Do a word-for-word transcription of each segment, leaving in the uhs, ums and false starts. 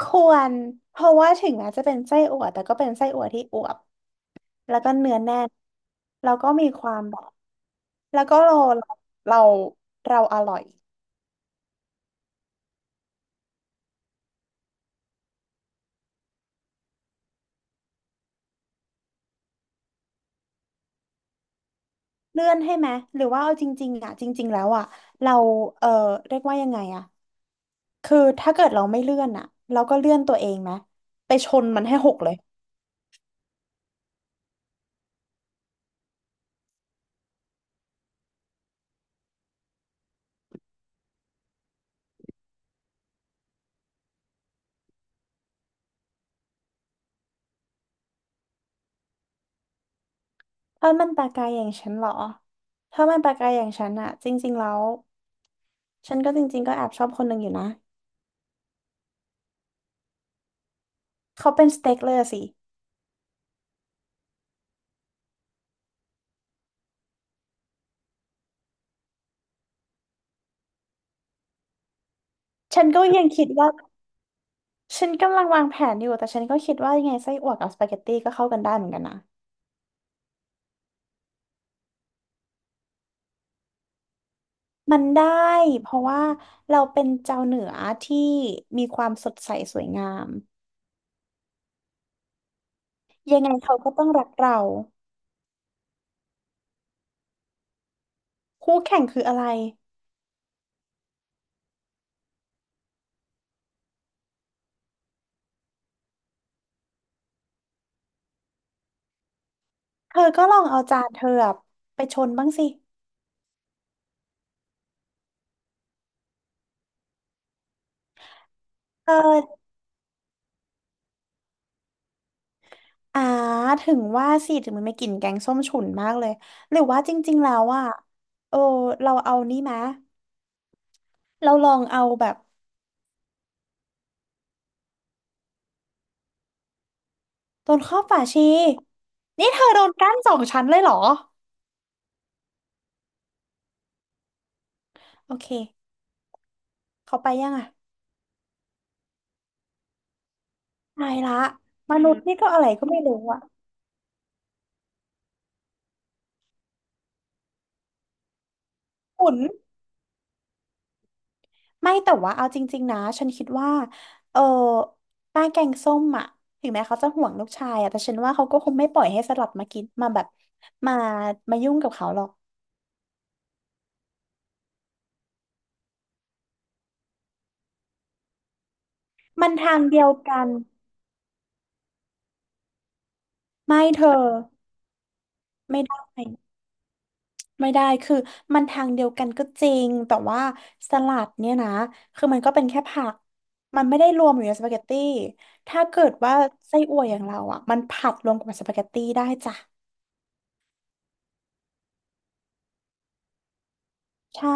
ควรเพราะว่าถึงแม้จะเป็นไส้อั่วแต่ก็เป็นไส้อั่วที่อวบแล้วก็เนื้อแน่นแล้วก็มีความแบบแล้วก็เราเราเราอร่อยเลื่อนให้ไหมหรือว่าเอาจริงๆอ่ะจริงๆแล้วอ่ะเราเออเรียกว่ายังไงอ่ะคือถ้าเกิดเราไม่เลื่อนอ่ะเราก็เลื่อนตัวเองไหมไปชนมันให้หกเลยถ้ามันปลากายอย่างฉันเหรอถ้ามันปลากายอย่างฉันอ่ะจริงๆแล้วฉันก็จริงๆก็แอบชอบคนหนึ่งอยู่นะเขาเป็นสเต็กเลยอะสิฉันก็ยังคิดว่า ฉันกำลังวางแผนอยู่ แต่ฉันก็คิดว่ายังไงไส้อั่วกับสปาเกตตี้ก็เข้ากันได้เหมือนกันนะมันได้เพราะว่าเราเป็นเจ้าเหนือที่มีความสดใสสวยงามยังไงเขาก็ต้องรักเราคู่แข่งคืออะไร เธอก็ลองเอาจานเธออะไปชนบ้างสิเอออ่าถึงว่าสิถึงมันไม่กลิ่นแกงส้มฉุนมากเลยหรือว่าจริงๆแล้วอ่ะเออเราเอานี่มะเราลองเอาแบบโดนข้อบฝาชีนี่เธอโดนกั้นสองชั้นเลยเหรอ โอเค เขาไปยังอ่ะตายละมนุษย์นี่ก็อะไรก็ไม่รู้อ่ะขุนไม่แต่ว่าเอาจริงๆนะ ฉันคิดว่า เออ ป้าแกงส้มอ่ะ ถึงแม้เขาจะห่วงลูกชายอ่ะ แต่ฉันว่าเขาก็คงไม่ปล่อยให้สลับมากิน มาแบบมามายุ่งกับเขาหรอก มันทางเดียวกัน ไม่เธอ ไม่ได้ ไม่ได้ คือมันทางเดียวกันก็จริง แต่ว่าสลัดเนี่ยนะ คือมันก็เป็นแค่ผัก มันไม่ได้รวมอยู่ในสปาเกตตี้ถ้าเกิดว่าไส้อั่วอย่างเราอ่ะมันผัดรวมกับสปาเกตตี้ได้จ้ะใช่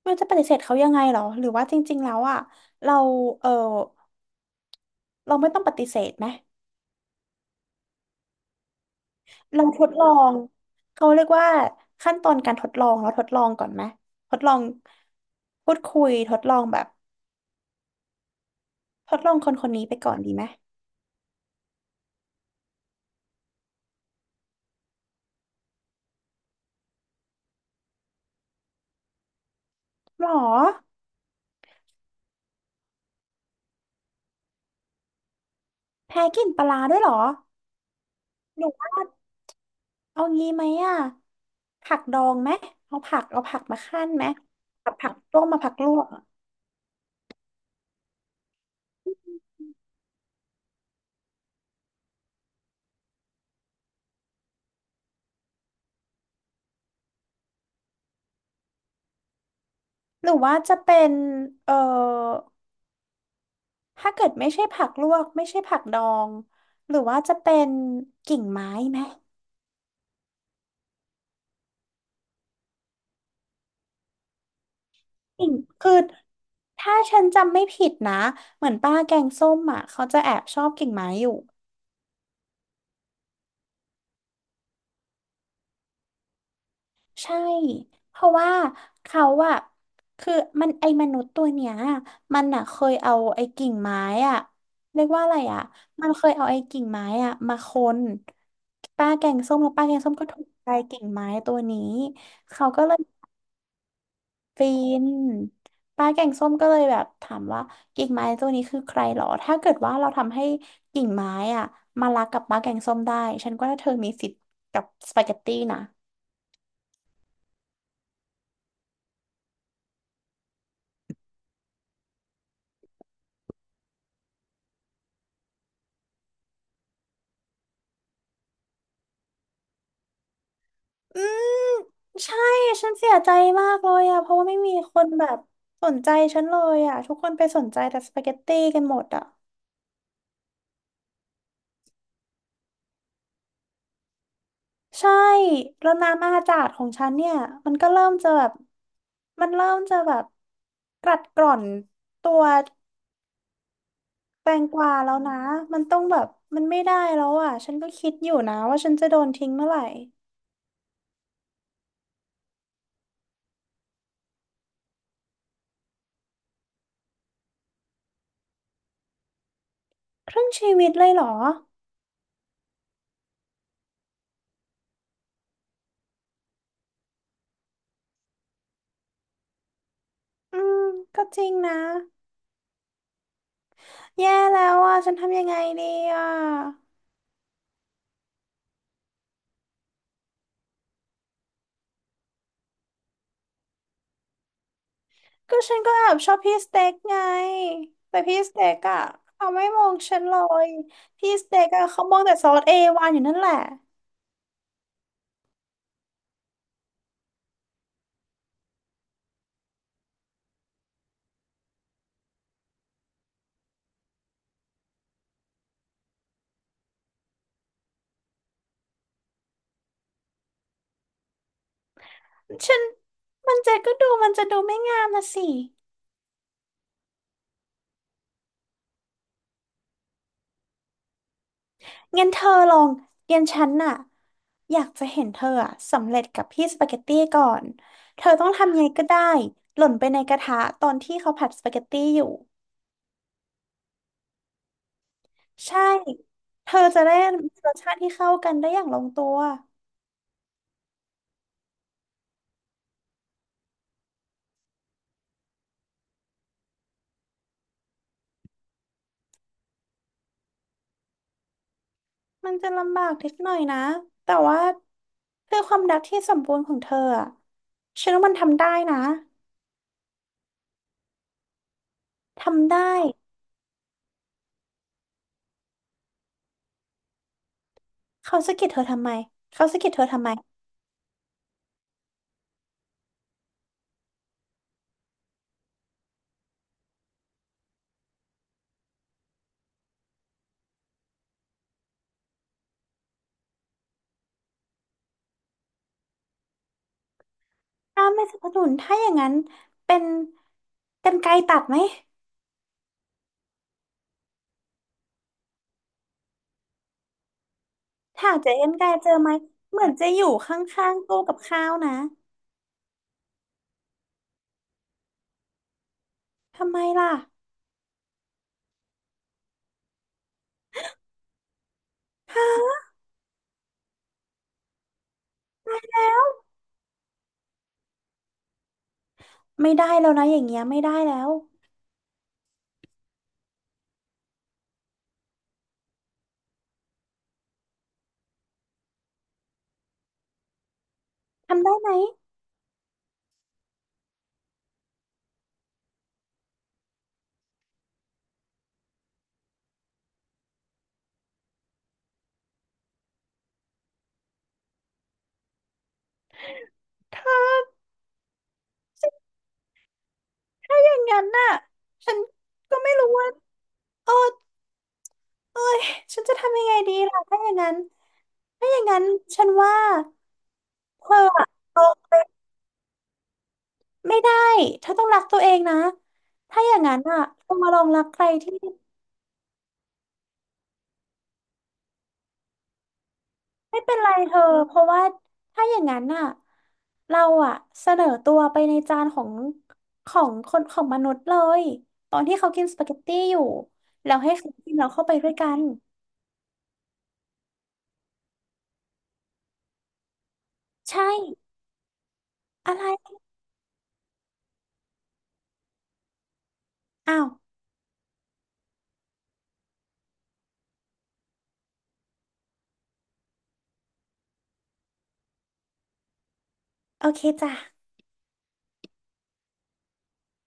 ไม่รู้จะปฏิเสธเขายังไงเหรอหรือว่าจริงๆแล้วอ่ะเราเออเราไม่ต้องปฏิเสธไหมเราทดลอง เขาเรียกว่าขั้นตอนการทดลองเราทดลองก่อนไหมทดลองพูดคุยทดลองแบบทดลองคนคนนี้ไปก่อนดีไหมหรอ แพ้กินปลาร้าด้วยเหรอหนูว่าเอางี้ไหมอ่ะผักดองไหมเอาผักเอาผักมาคั่นไหมผักผักลวกมาผักลวกอะหรือว่าจะเป็นเอ่อถ้าเกิดไม่ใช่ผักลวกไม่ใช่ผักดอง หรือว่าจะเป็นกิ่งไม้ไหมกิ่งคือถ้าฉันจำไม่ผิดนะเหมือนป้าแกงส้มอ่ะเขาจะแอบชอบกิ่งไม้อยู่ ใช่เพราะว่าเขาอะคือมันไอ้มนุษย์ตัวเนี้ยมันอะเคยเอาไอ้กิ่งไม้อะเรียกว่าอะไรอะมันเคยเอาไอ้กิ่งไม้อะมาคนป้าแกงส้มแล้วป้าแกงส้มก็ถูกใจกิ่งไม้ตัวนี้เขาก็เลยฟินป้าแกงส้มก็เลยแบบถามว่ากิ่งไม้ตัวนี้คือใครหรอถ้าเกิดว่าเราทำให้กิ่งไม้อะมารักกับป้าแกงส้มได้ฉันก็ว่าเธอมีสิทธิ์กับสปาเกตตี้นะ อืมใช่ฉันเสียใจมากเลยอะเพราะว่าไม่มีคนแบบสนใจฉันเลยอะทุกคนไปสนใจแต่สปาเกตตี้กันหมดอะใช่แล้วน้ำอาจาดของฉันเนี่ยมันก็เริ่มจะแบบมันเริ่มจะแบบกัดกร่อนตัวแตงกวาแล้วนะมันต้องแบบมันไม่ได้แล้วอะฉันก็คิดอยู่นะว่าฉันจะโดนทิ้งเมื่อไหร่ครึ่งชีวิตเลยเหรออืมก็จริงนะแย่แล้วอะฉันทำยังไงดีอะ ก็ฉันก็แอบชอบพี่สเต็กไงแต่พี่สเต็กอะเขาไม่มองฉันเลย พี่สเต็กอะเขามองแต่ซอสเอวานอยู่นั่นแหละ ฉันมันจะก็ดูมันจะดูไม่งามนะสิงั้นเธอลองงั้นฉันน่ะอยากจะเห็นเธออะสำเร็จกับพี่สปาเกตตี้ก่อนเธอต้องทำยังไงก็ได้หล่นไปในกระทะตอนที่เขาผัดสปาเกตตี้อยู่ใช่เธอจะได้มีรสชาติที่เข้ากันได้อย่างลงตัว มันจะลำบากนิดหน่อยนะ แต่ว่าเพื่อความรักที่สมบูรณ์ของเธออะฉันว่ามันทำได้นะทำได้เขาสะกิดเธอทำไมเขาสะกิดเธอทำไมถ้าไม่สนับสนุนถ้าอย่างนั้นเป็นกรรไกรตัดไหมถ้าเจอกรรไกรเจอไหมเหมือนจะอยู่ข้างๆตู้กับข้าวนะทำไมล่ะฮะไม่ได้แล้วนะอย่างเงี้ยไม่ได้แล้วทำได้ไหมเธอถ้าอย่างนั้นน่ะฉันก็ไม่รู้ว่าเออ เอ้ยฉันจะทำยังไงดีล่ะถ้าอย่างนั้นถ้าอย่างนั้นฉันว่าเธออะเอาไม่ได้เธอต้องรักตัวเองนะถ้าอย่างนั้นอ่ะเธอมาลองรักใครที่ไม่เป็นไรเธอเพราะว่าถ้าอย่างนั้นอ่ะเราอ่ะเสนอตัวไปในจานของของคนของมนุษย์เลยตอนที่เขากินสปาเกตตี้อยู่แล้วให้เขากินเราเข้าไปด้วยกันใช่อะไรอ้าวโอเคจ้ะ